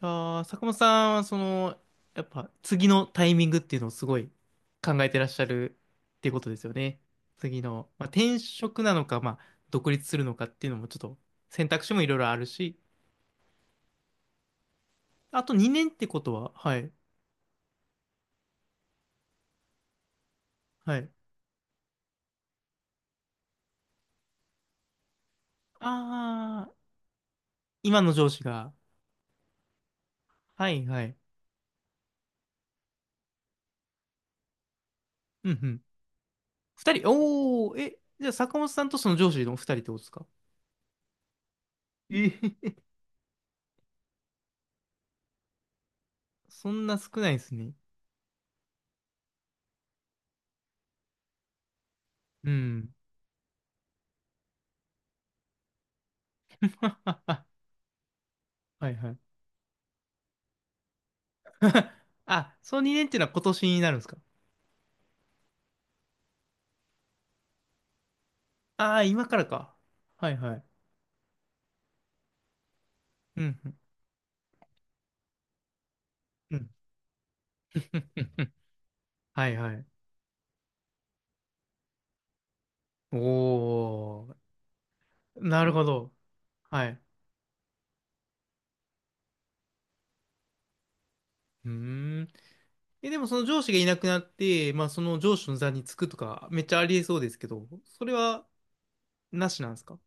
ああ、坂本さんはやっぱ次のタイミングっていうのをすごい考えてらっしゃるっていうことですよね。次の、まあ、転職なのか、まあ、独立するのかっていうのもちょっと選択肢もいろいろあるし、あと2年ってことは、はい、はい。ああ、今の上司が、はい、はい。うんうん。二人、おお、え、じゃあ坂本さんとその上司の二人ってことですか？えへへ、そんな少ないですね。うん。はいはい。あ、その2年っていうのは今年になるんですか？ああー、今からか。はいはい。うん、うん、うん。はいはい。おー、なるほど。はい。うーん。え、でもその上司がいなくなって、まあその上司の座につくとか、めっちゃありえそうですけど、それはなしなんですか？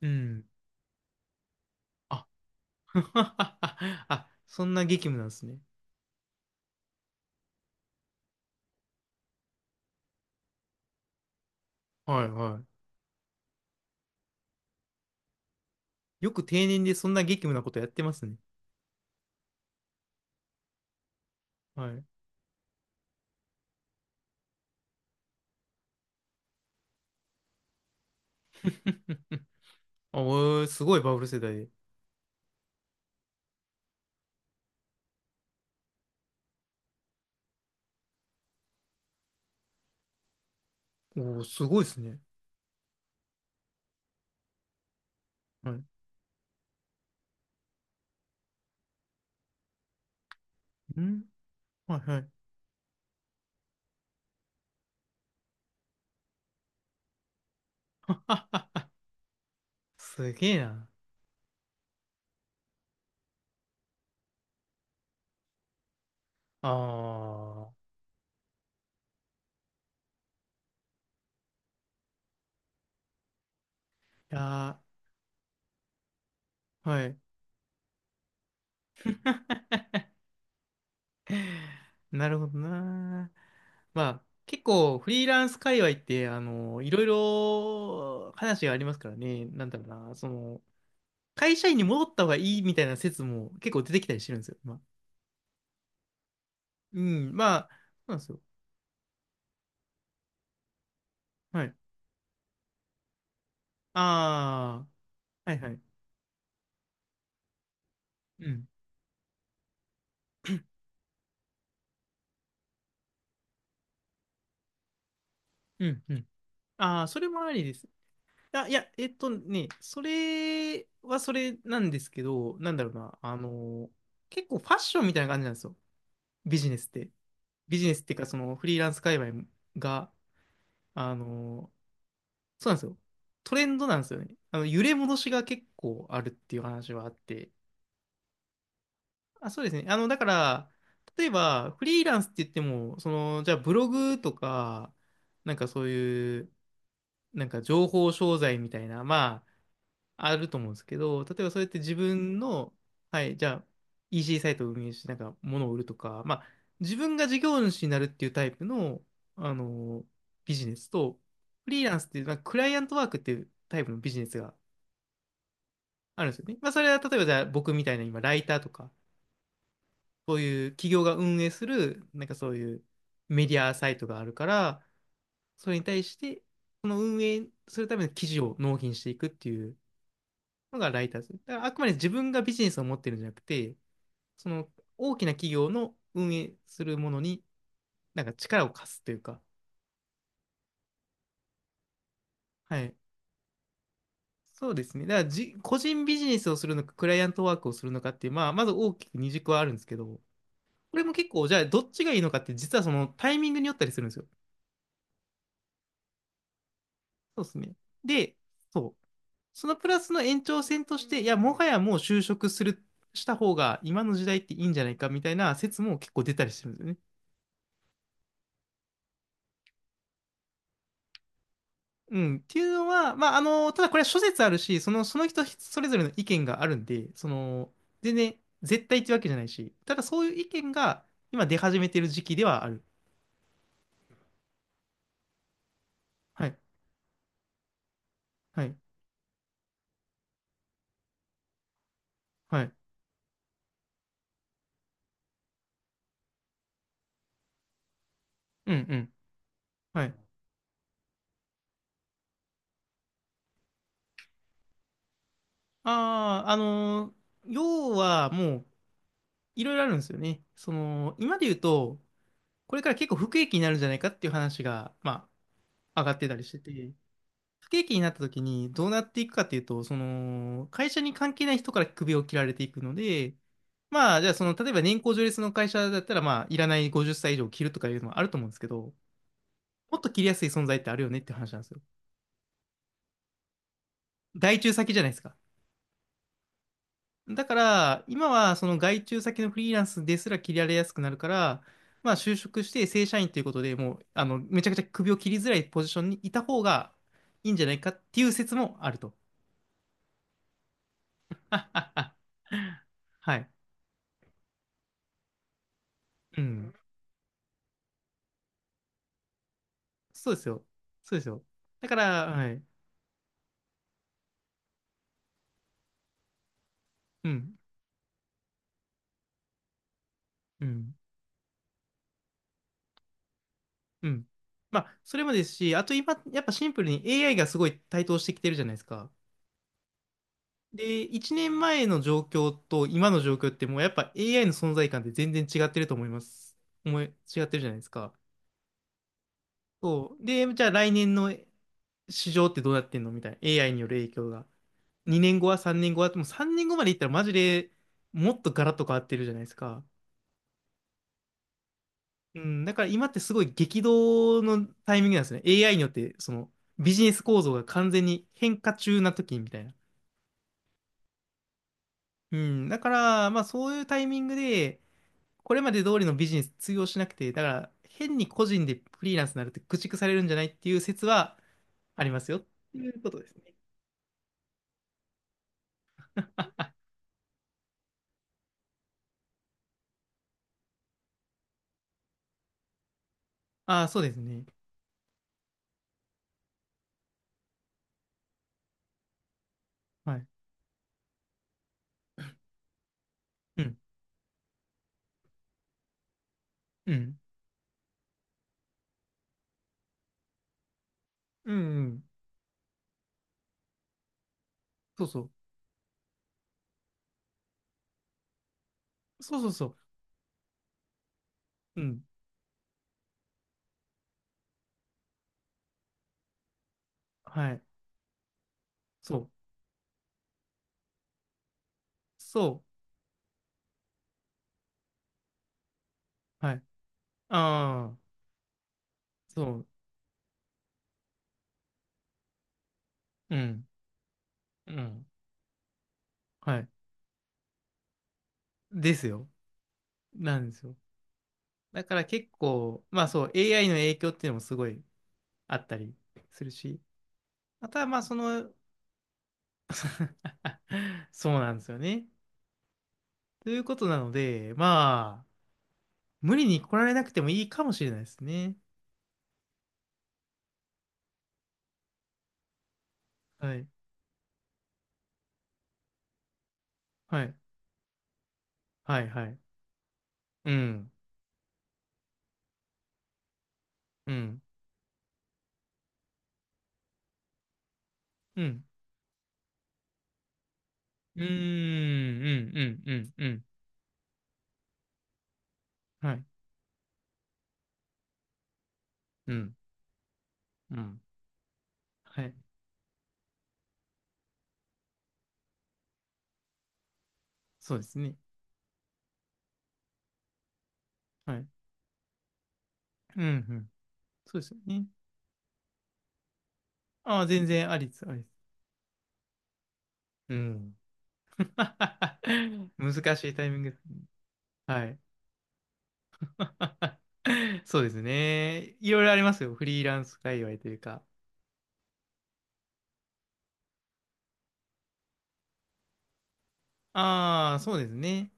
うん。あ、あ、そんな激務なんですね。はいはい。よく定年でそんな激務なことやってますね。はい。あ、おーすごいバブル世代で。おー、すごいですね。はい。ん、はいはい。すげえな。ああ。いやー、はい。なるほどな。まあ、結構フリーランス界隈って、いろいろ話がありますからね。なんだろうな。その、会社員に戻った方がいいみたいな説も結構出てきたりしてるんですよ。まあ、うん。まあ、そうなんですよ。はい。ああ。はいはい。うん。うん。うん。ああ、それもありです。あ、いや、えっとね、それはそれなんですけど、なんだろうな、結構ファッションみたいな感じなんですよ。ビジネスって。ビジネスっていうか、そのフリーランス界隈が、あの、そうなんですよ。トレンドなんですよね。あの、揺れ戻しが結構あるっていう話はあって。あ、そうですね。あの、だから、例えば、フリーランスって言っても、その、じゃあブログとか、なんかそういう、なんか情報商材みたいな、まあ、あると思うんですけど、例えばそうやって自分の、はい、じゃあ EC サイトを運営して、なんか物を売るとか、まあ、自分が事業主になるっていうタイプの、あのビジネスと、フリーランスっていう、まあ、クライアントワークっていうタイプのビジネスがあるんですよね。まあ、それは例えばじゃあ僕みたいな今、ライターとか、そういう企業が運営する、なんかそういうメディアサイトがあるから、それに対して、その運営するための記事を納品していくっていうのがライターズ。だからあくまで自分がビジネスを持ってるんじゃなくて、その大きな企業の運営するものになんか力を貸すというか、はい。そうですね。だからじ、個人ビジネスをするのか、クライアントワークをするのかっていう、まあ、まず大きく二軸はあるんですけど、これも結構、じゃあ、どっちがいいのかって、実はそのタイミングによったりするんですよ。そうですね。で、そう。そのプラスの延長線として、いや、もはやもう就職する、した方が今の時代っていいんじゃないかみたいな説も結構出たりしてるんですよね。うん、っていうのは、まあ、あの、ただこれは諸説あるし、その、その人それぞれの意見があるんで、その、全然絶対ってわけじゃないし、ただそういう意見が今出始めてる時期ではある。はい、はい、はい。うん、うん、はい。ああ、要はもう、いろいろあるんですよね。その、今で言うと、これから結構不景気になるんじゃないかっていう話が、まあ、上がってたりしてて、不景気になった時にどうなっていくかっていうと、その、会社に関係ない人から首を切られていくので、まあ、じゃあその、例えば年功序列の会社だったら、まあ、いらない50歳以上切るとかいうのもあると思うんですけど、もっと切りやすい存在ってあるよねって話なんですよ。外注先じゃないですか。だから、今はその外注先のフリーランスですら切られやすくなるから、まあ、就職して正社員ということでもう、めちゃくちゃ首を切りづらいポジションにいた方がいいんじゃないかっていう説もあると。はい。うん。そうですよ。そうですよ。だから、はい。うん、うん、うん。まあ、それもですし、あと今、やっぱシンプルに AI がすごい台頭してきてるじゃないですか。で、1年前の状況と今の状況ってもうやっぱ AI の存在感って全然違ってると思います。思い、違ってるじゃないですか。そう。で、じゃあ来年の市場ってどうなってんのみたいな。AI による影響が。2年後は3年後は、もう3年後までいったらマジでもっとガラッと変わってるじゃないですか。うん、だから今ってすごい激動のタイミングなんですね。AI によって、そのビジネス構造が完全に変化中な時みたいな。うん、だから、まあそういうタイミングで、これまで通りのビジネス通用しなくて、だから変に個人でフリーランスになるって駆逐されるんじゃないっていう説はありますよっていうことですね。ああ、そうですね。はい。うん、うん、うん、うん。そうそう。そうそうそう。うん。はい。そう。そう。はい。ああ、そう。うん、うん。はいですよ。なんですよ。だから結構、まあそう、AI の影響っていうのもすごいあったりするし、またまあその、あ、そうなんですよね。ということなので、まあ、無理に来られなくてもいいかもしれないですね。はい。はい。はい。はい。うん。うん。うん。うーん。うん。うん。うん。うん。はい。うん。うん。はい。そうですね。はい。うん。うん。そうですよね。ああ、全然ありです。ありです。うん。難しいタイミング。はい。そうですね。いろいろありますよ。フリーランス界隈というか。ああ、そうですね。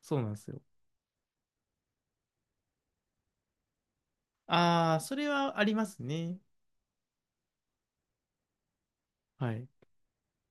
そうなんですよ。ああ、それはありますね。はい。